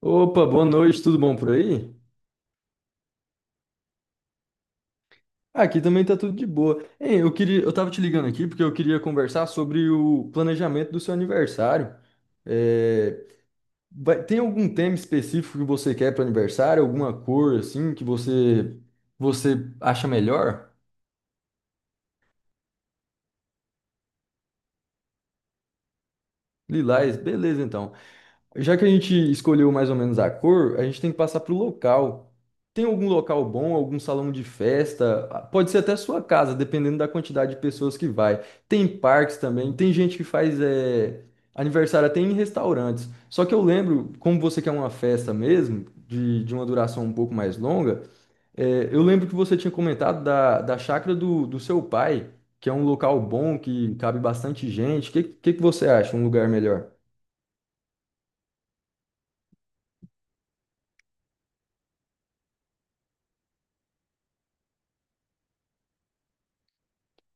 Opa, boa noite, tudo bom por aí? Aqui também tá tudo de boa. Hein, eu tava te ligando aqui porque eu queria conversar sobre o planejamento do seu aniversário. É, Tem algum tema específico que você quer para aniversário? Alguma cor assim que você acha melhor? Lilás, beleza então. Já que a gente escolheu mais ou menos a cor, a gente tem que passar pro local. Tem algum local bom, algum salão de festa? Ah, pode ser até sua casa, dependendo da quantidade de pessoas que vai. Tem parques também, tem gente que faz aniversário até em restaurantes. Só que eu lembro, como você quer uma festa mesmo, de uma duração um pouco mais longa, eu lembro que você tinha comentado da chácara do seu pai, que é um local bom, que cabe bastante gente. O que que você acha? Um lugar melhor?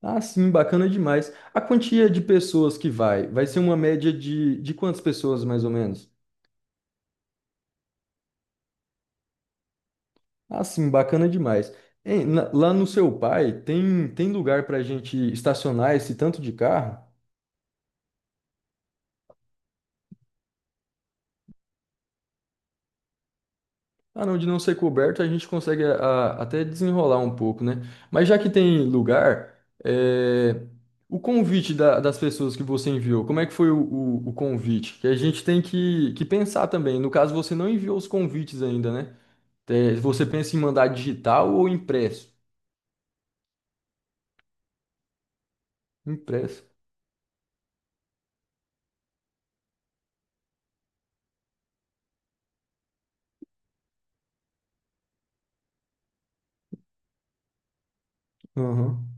Ah, sim, bacana demais. A quantia de pessoas que vai? Vai ser uma média de quantas pessoas, mais ou menos? Ah, sim, bacana demais. Hein, lá no seu pai, tem lugar para a gente estacionar esse tanto de carro? Ah, não, de não ser coberto, a gente consegue até desenrolar um pouco, né? Mas já que tem lugar, é, o convite das pessoas que você enviou, como é que foi o convite? Que a gente tem que pensar também. No caso, você não enviou os convites ainda, né? Você pensa em mandar digital ou impresso? Impresso. Aham.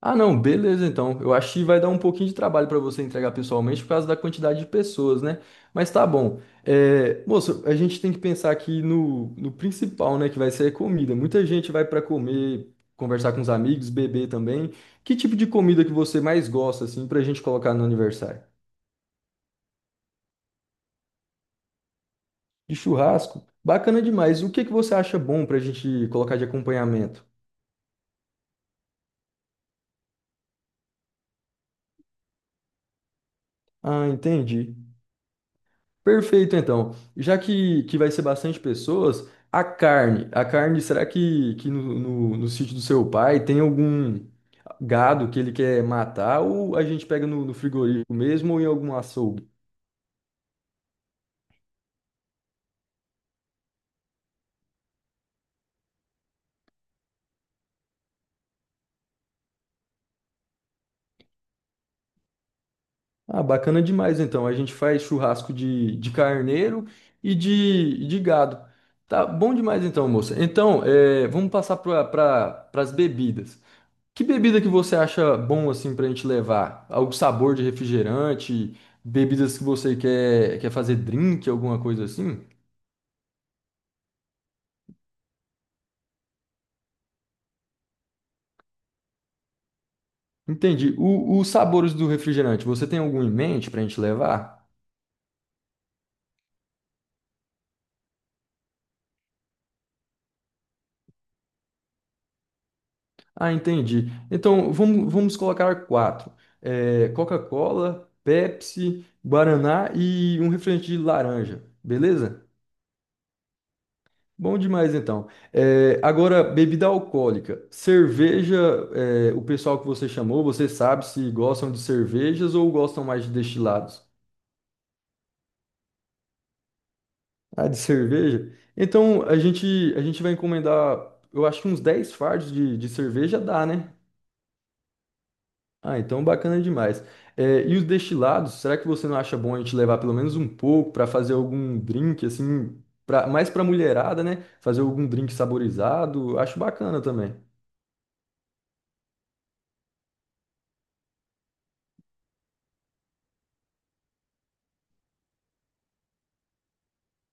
Ah, não, beleza então. Eu acho que vai dar um pouquinho de trabalho para você entregar pessoalmente por causa da quantidade de pessoas, né? Mas tá bom. Moço, a gente tem que pensar aqui no principal, né? Que vai ser a comida. Muita gente vai para comer, conversar com os amigos, beber também. Que tipo de comida que você mais gosta, assim, pra gente colocar no aniversário? De churrasco? Bacana demais. O que que você acha bom pra gente colocar de acompanhamento? Ah, entendi. Perfeito, então. Já que vai ser bastante pessoas, a carne. A carne, será que no sítio do seu pai tem algum gado que ele quer matar? Ou a gente pega no frigorífico mesmo ou em algum açougue? Ah, bacana demais, então. A gente faz churrasco de carneiro e de gado. Tá bom demais, então, moça. Então, vamos passar para pra, as bebidas. Que bebida que você acha bom assim pra gente levar? Algum sabor de refrigerante? Bebidas que você quer fazer drink, alguma coisa assim? Entendi. Os sabores do refrigerante, você tem algum em mente pra gente levar? Ah, entendi. Então vamos colocar quatro: Coca-Cola, Pepsi, Guaraná e um refrigerante de laranja, beleza? Bom demais, então. Agora, bebida alcoólica. Cerveja, o pessoal que você chamou, você sabe se gostam de cervejas ou gostam mais de destilados? Ah, de cerveja? Então, a gente vai encomendar, eu acho que uns 10 fardos de cerveja dá, né? Ah, então bacana demais. E os destilados, será que você não acha bom a gente levar pelo menos um pouco para fazer algum drink, assim, mais para mulherada, né? Fazer algum drink saborizado, acho bacana também.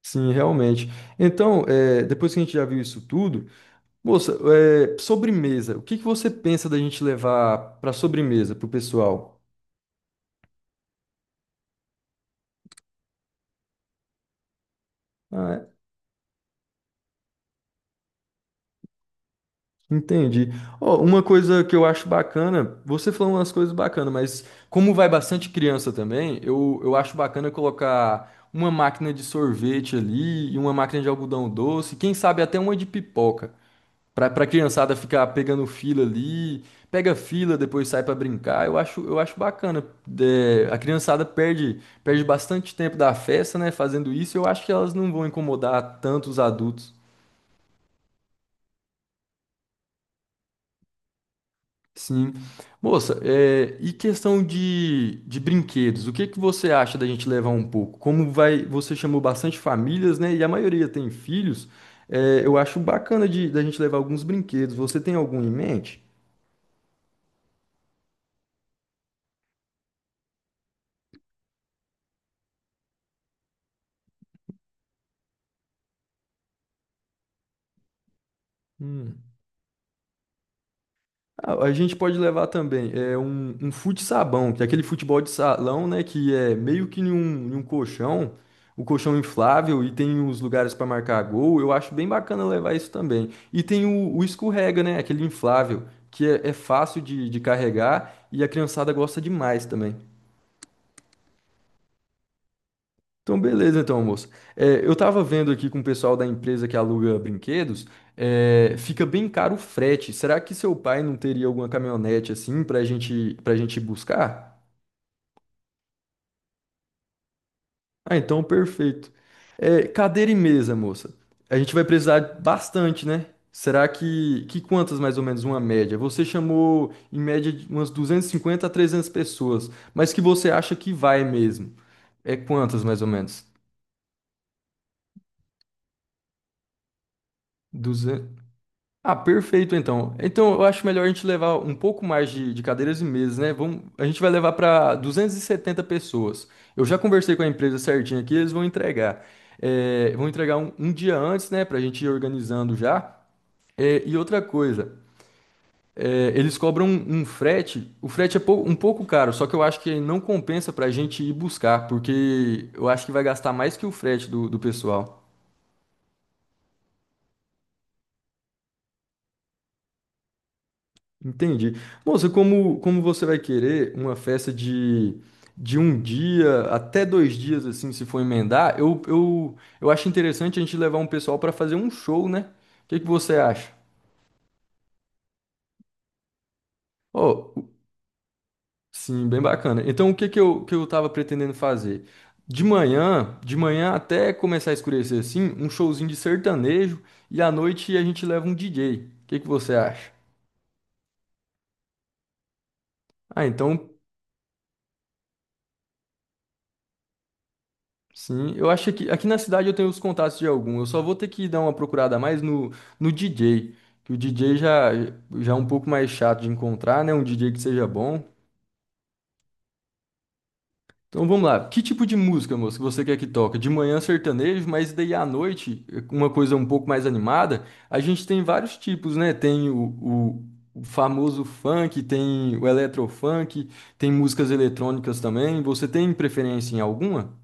Sim, realmente. Então, depois que a gente já viu isso tudo, moça, sobremesa. O que que você pensa da gente levar para sobremesa pro pessoal? Ah, entendi. Ó, uma coisa que eu acho bacana, você falou umas coisas bacanas, mas como vai bastante criança também, eu acho bacana colocar uma máquina de sorvete ali e uma máquina de algodão doce, quem sabe até uma de pipoca. Pra criançada ficar pegando fila ali, pega fila, depois sai pra brincar. Eu acho bacana. A criançada perde bastante tempo da festa, né, fazendo isso. Eu acho que elas não vão incomodar tanto os adultos. Sim. Moça, e questão de brinquedos, o que que você acha da gente levar um pouco? Como vai, você chamou bastante famílias, né, e a maioria tem filhos, eu acho bacana da gente levar alguns brinquedos. Você tem algum em mente? Hum. A gente pode levar também é um fute-sabão, que é aquele futebol de salão, né? Que é meio que em um colchão, o colchão inflável e tem os lugares para marcar gol. Eu acho bem bacana levar isso também. E tem o escorrega, né? Aquele inflável, que é fácil de carregar e a criançada gosta demais também. Então, beleza, então, moço. Eu tava vendo aqui com o pessoal da empresa que aluga brinquedos, fica bem caro o frete. Será que seu pai não teria alguma caminhonete assim pra gente buscar? Ah, então, perfeito. Cadeira e mesa, moça. A gente vai precisar bastante, né? Será que quantas mais ou menos uma média? Você chamou em média de umas 250 a 300 pessoas, mas que você acha que vai mesmo? É quantas mais ou menos? Ah, perfeito então. Então eu acho melhor a gente levar um pouco mais de cadeiras e mesas, né? Vamos, a gente vai levar para 270 pessoas. Eu já conversei com a empresa certinho aqui, eles vão entregar. Vão entregar um dia antes, né? Para a gente ir organizando já. E outra coisa, eles cobram um frete. O frete é um pouco caro, só que eu acho que não compensa para a gente ir buscar, porque eu acho que vai gastar mais que o frete do pessoal. Entendi. Moça, como você vai querer uma festa de um dia até 2 dias, assim, se for emendar, eu acho interessante a gente levar um pessoal para fazer um show, né? O que que você acha? Oh, sim, bem bacana. Então, o que que eu tava pretendendo fazer? De manhã até começar a escurecer, assim, um showzinho de sertanejo e à noite a gente leva um DJ. O que que você acha? Ah, então, sim, eu acho que aqui na cidade eu tenho os contatos de algum. Eu só vou ter que dar uma procurada a mais no DJ, que o DJ já é um pouco mais chato de encontrar, né? Um DJ que seja bom. Então vamos lá. Que tipo de música, moço, que você quer que toque? De manhã sertanejo, mas daí à noite, uma coisa um pouco mais animada. A gente tem vários tipos, né? Tem o famoso funk, tem o eletrofunk, tem músicas eletrônicas também. Você tem preferência em alguma?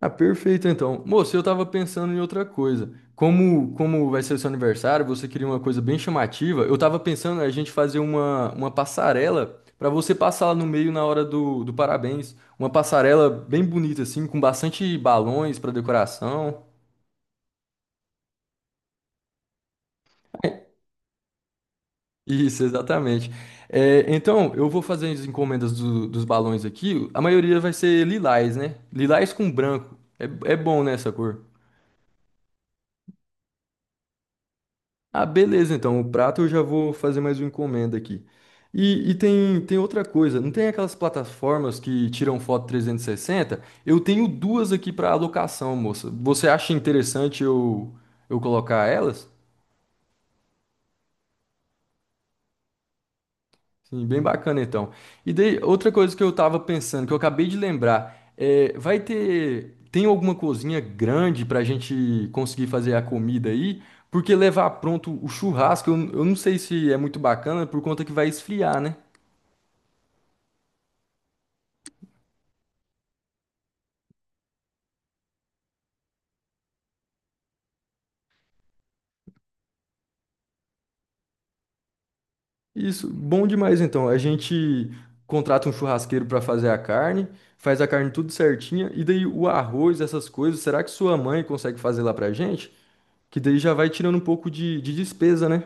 Ah, perfeito então. Moço, eu tava pensando em outra coisa. Como vai ser o seu aniversário, você queria uma coisa bem chamativa. Eu tava pensando a gente fazer uma passarela pra você passar lá no meio na hora do parabéns. Uma passarela bem bonita, assim, com bastante balões pra decoração. Isso, exatamente. É, então, eu vou fazer as encomendas dos balões aqui. A maioria vai ser lilás, né? Lilás com branco. É bom, né, essa cor? Ah, beleza, então o prato eu já vou fazer mais uma encomenda aqui. E tem, outra coisa, não tem aquelas plataformas que tiram foto 360? Eu tenho duas aqui para alocação, moça. Você acha interessante eu colocar elas? Sim, bem bacana então. E daí, outra coisa que eu tava pensando, que eu acabei de lembrar, tem alguma cozinha grande pra gente conseguir fazer a comida aí? Porque levar pronto o churrasco, eu não sei se é muito bacana por conta que vai esfriar, né? Isso, bom demais então. A gente contrata um churrasqueiro para fazer a carne, faz a carne tudo certinha, e daí o arroz, essas coisas, será que sua mãe consegue fazer lá pra gente? Que daí já vai tirando um pouco de despesa, né?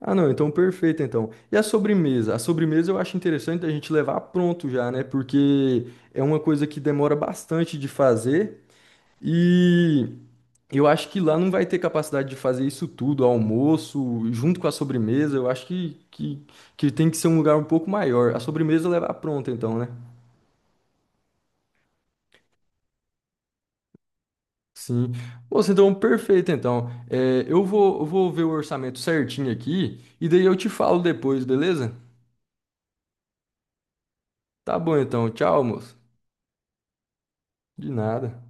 Ah, não, então perfeito então. E a sobremesa? A sobremesa eu acho interessante a gente levar pronto já, né? Porque é uma coisa que demora bastante de fazer. E eu acho que lá não vai ter capacidade de fazer isso tudo, almoço, junto com a sobremesa. Eu acho que tem que ser um lugar um pouco maior. A sobremesa leva pronta, então, né? Sim. Moça, então, perfeito, então. Eu vou ver o orçamento certinho aqui e daí eu te falo depois, beleza? Tá bom, então. Tchau, moço. De nada.